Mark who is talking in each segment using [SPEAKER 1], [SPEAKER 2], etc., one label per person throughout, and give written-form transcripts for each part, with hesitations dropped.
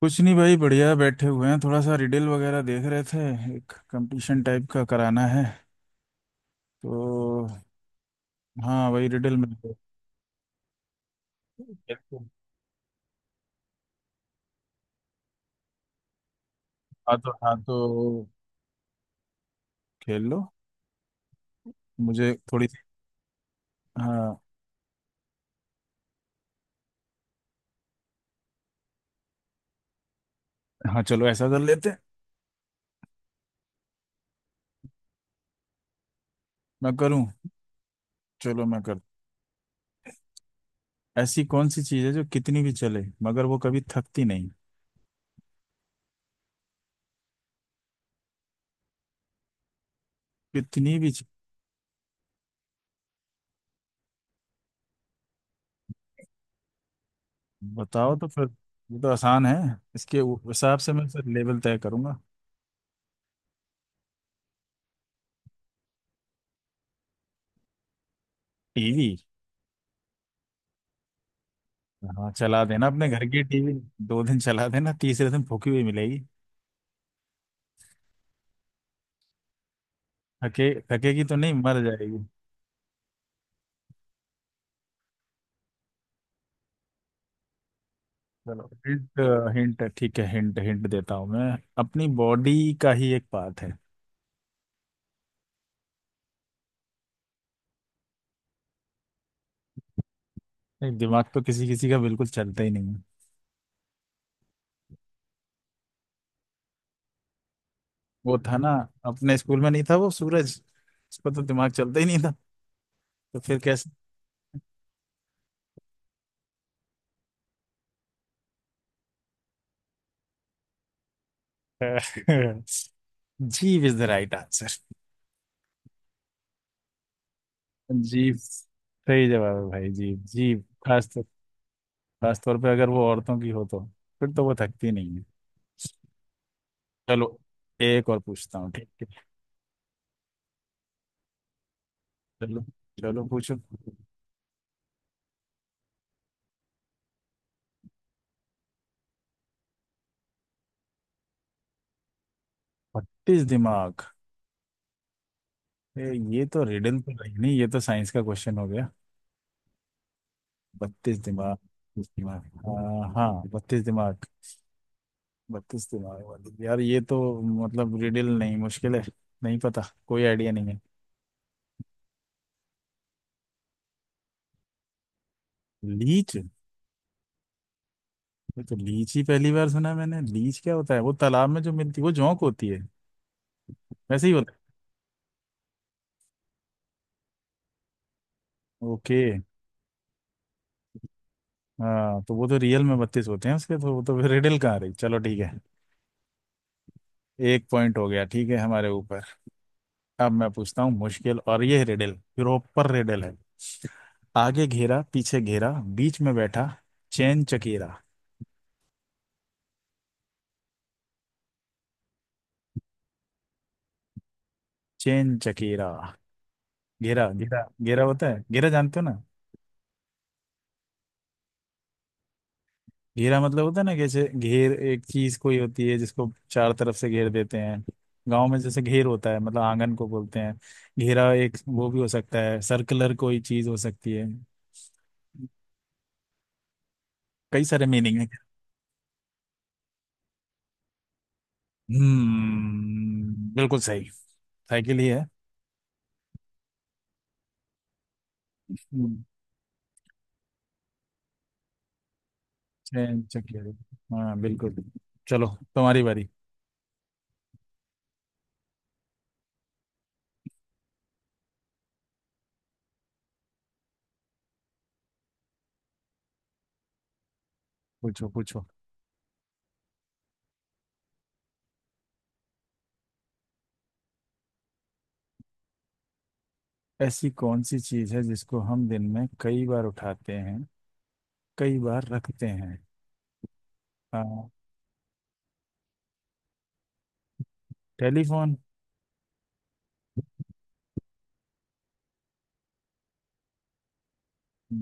[SPEAKER 1] कुछ नहीं भाई, बढ़िया बैठे हुए हैं। थोड़ा सा रिडल वगैरह देख रहे थे। एक कंपटीशन टाइप का कराना है तो। हाँ, वही रिडल में हाँ तो खेल लो। मुझे थोड़ी सी। हाँ हाँ, चलो ऐसा कर लेते हैं। मैं करूँ? चलो, मैं कर। ऐसी कौन सी चीज़ है जो कितनी भी चले मगर वो कभी थकती नहीं? कितनी भी चीज़- बताओ तो फिर। ये तो आसान है। इसके हिसाब से मैं फिर लेवल तय करूंगा। टीवी? हाँ, चला देना अपने घर की टीवी। 2 दिन चला देना, तीसरे दिन फूकी हुई मिलेगी। थकेगी तो नहीं, मर जाएगी। चलो, हिंट। हिंट ठीक है। हिंट हिंट देता हूँ मैं। अपनी बॉडी का ही एक पार्ट है। नहीं, दिमाग तो किसी किसी का बिल्कुल चलता ही नहीं है। वो था ना, अपने स्कूल में नहीं था वो सूरज? उसका तो दिमाग चलता ही नहीं था। तो फिर कैसे? जीभ इज द राइट आंसर। जीभ सही जवाब है भाई, जीभ। जीभ खास तौर पे अगर वो औरतों की हो तो फिर तो वो थकती नहीं है। चलो, एक और पूछता हूँ, ठीक है? चलो चलो, पूछो। 32 दिमाग? ए, ये तो रिडल तो नहीं नहीं, ये तो साइंस का क्वेश्चन हो गया। 32 दिमाग, 32 दिमाग, हाँ, 32 दिमाग। 32 दिमाग वाली, यार ये तो मतलब रिडल नहीं, मुश्किल है। नहीं पता। कोई आइडिया नहीं है। लीच? ये तो लीच ही पहली बार सुना मैंने। लीच क्या होता है, वो तालाब में जो मिलती है, वो जोंक होती है? वैसे ही होता है? ओके। हाँ तो वो तो रियल में 32 होते हैं उसके, तो वो तो रिडल कहाँ रही। चलो ठीक है। एक पॉइंट हो गया, ठीक है, हमारे ऊपर। अब मैं पूछता हूँ मुश्किल, और ये रिडल प्रॉपर रिडल है। आगे घेरा पीछे घेरा, बीच में बैठा चैन चकेरा। चैन चकेरा। घेरा, घेरा, घेरा होता है, घेरा जानते हो ना? घेरा मतलब होता है ना, जैसे घेर एक चीज कोई होती है जिसको चार तरफ से घेर देते हैं। गांव में जैसे घेर होता है, मतलब आंगन को बोलते हैं। घेरा, एक वो भी हो सकता है, सर्कुलर कोई चीज हो सकती है। कई सारे मीनिंग है। हम्म, बिल्कुल सही। साइकिल ही है। ट्रेन सिक्योरिटी, हाँ बिल्कुल। चलो, तुम्हारी बारी। पूछो पूछो। ऐसी कौन सी चीज है जिसको हम दिन में कई बार उठाते हैं, कई बार रखते हैं? हाँ। टेलीफोन।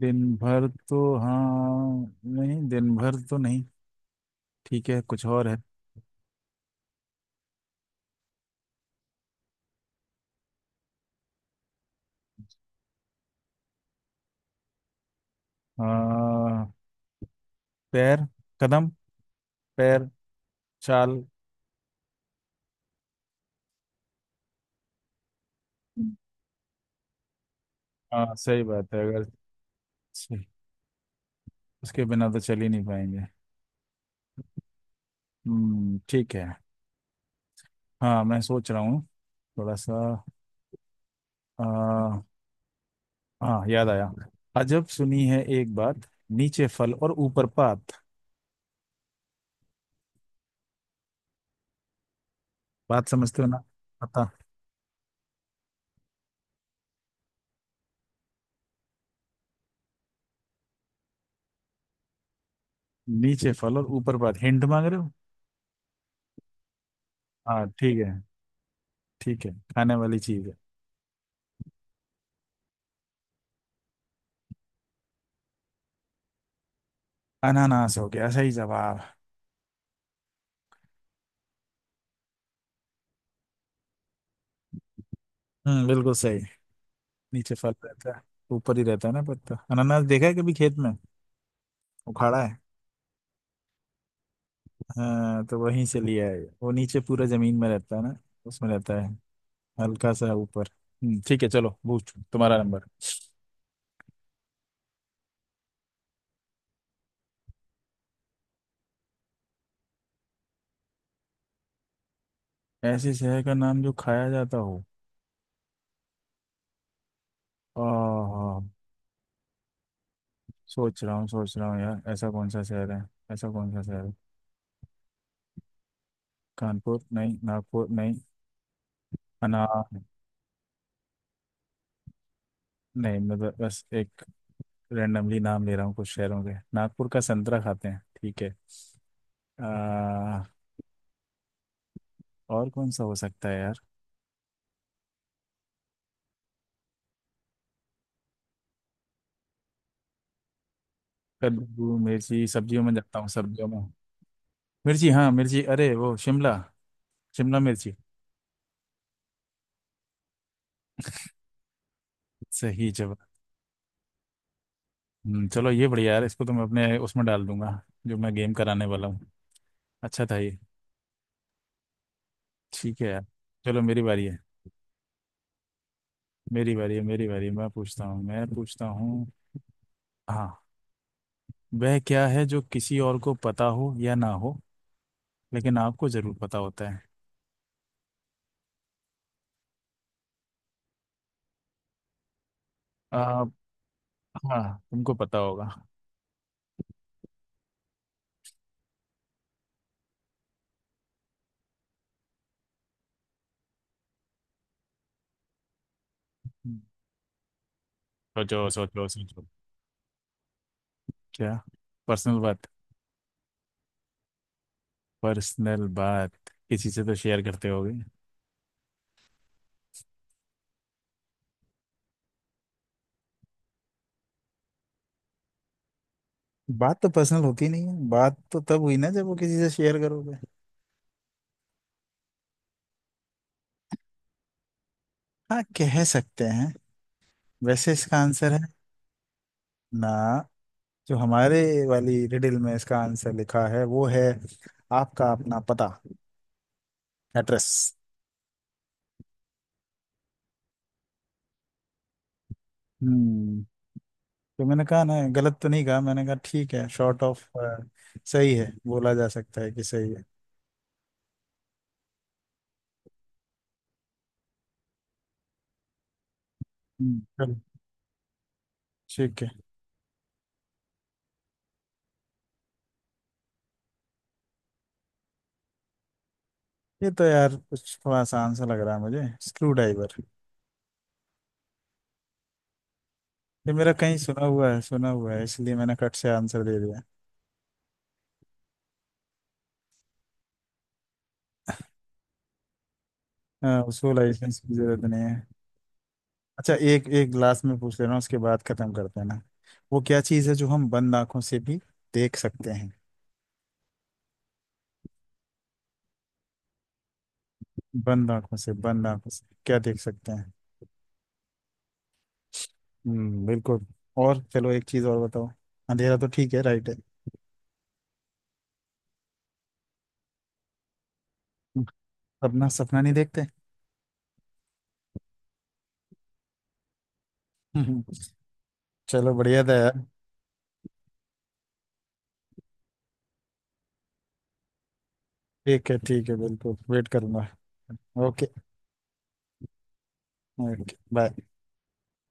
[SPEAKER 1] दिन भर तो हाँ नहीं, दिन भर तो नहीं। ठीक है, कुछ और है? हाँ। पैर। कदम। पैर। चाल। हाँ सही बात है, अगर सही- उसके बिना तो चल ही नहीं पाएंगे। हम्म, ठीक है। हाँ, मैं सोच रहा हूँ थोड़ा सा। हाँ, याद आया। अजब सुनी है एक बात, नीचे फल और ऊपर पात। बात समझते हो ना? पता? नीचे फल और ऊपर पात, हिंट मांग रहे हो? हाँ ठीक है। ठीक है, खाने वाली चीज है। अनानास हो गया? सही जवाब। हम्म, बिल्कुल सही। नीचे फल रहता है। ऊपर ही रहता है ना पत्ता। अनानास देखा है कभी खेत में? उखाड़ा है? हाँ तो वहीं से लिया है वो, नीचे पूरा जमीन में रहता है ना। उसमें रहता है। हल्का सा ऊपर। हम्म, ठीक है, चलो पूछ, तुम्हारा नंबर। ऐसी शहर का नाम जो खाया जाता हो? हाँ हाँ। सोच रहा हूँ, सोच रहा हूँ यार, ऐसा कौन सा शहर है। ऐसा कौन सा शहर है? कानपुर नहीं, नागपुर नहीं, अना। नहीं, मैं बस एक रैंडमली नाम ले रहा हूँ कुछ शहरों के। नागपुर का संतरा खाते हैं, ठीक है। आ, और कौन सा हो सकता है यार? कद्दू, मिर्ची, सब्जियों में जाता हूँ, सब्जियों में। मिर्ची, हाँ मिर्ची, अरे वो शिमला, शिमला मिर्ची। सही जवाब। चलो ये बढ़िया यार, इसको तो मैं अपने उसमें डाल दूंगा, जो मैं गेम कराने वाला हूँ। अच्छा था ये। ठीक है यार। चलो, मेरी बारी है। मेरी बारी है, मेरी बारी है। मैं पूछता हूँ, मैं पूछता हूँ। हाँ। वह क्या है जो किसी और को पता हो या ना हो, लेकिन आपको जरूर पता होता है? आ, हाँ, तुमको पता होगा। सोचो, सोचो, सोचो। क्या? पर्सनल बात? पर्सनल बात किसी से तो शेयर करते होगे। बात तो पर्सनल होती नहीं है, बात तो तब हुई ना जब वो किसी से शेयर करोगे। हाँ, कह सकते हैं। वैसे इसका आंसर है ना, जो हमारे वाली रिडल में इसका आंसर लिखा है वो है, आपका अपना पता, एड्रेस। हम्म। तो मैंने कहा ना, गलत तो नहीं कहा मैंने, कहा ठीक है, शॉर्ट ऑफ। सही है, बोला जा सकता है कि सही है। हम्म, चलो, ठीक है। ये तो यार कुछ थोड़ा आसान सा लग रहा है मुझे। Screwdriver. ये मेरा कहीं सुना हुआ है, सुना हुआ है, इसलिए मैंने कट से आंसर दे दिया। हाँ, उसको लाइसेंस की जरूरत नहीं है। अच्छा, एक एक लास्ट में पूछ ले रहा हूँ, उसके बाद खत्म करते हैं ना। वो क्या चीज़ है जो हम बंद आंखों से भी देख सकते हैं? बंद आंखों से, बंद आंखों से क्या देख सकते हैं? हम्म, बिल्कुल। और चलो, एक चीज और बताओ। अंधेरा तो ठीक है, राइट है। अपना सपना नहीं देखते। हम्म, चलो बढ़िया था यार। ठीक है ठीक है, बिल्कुल वेट करूंगा। ओके। Okay bye.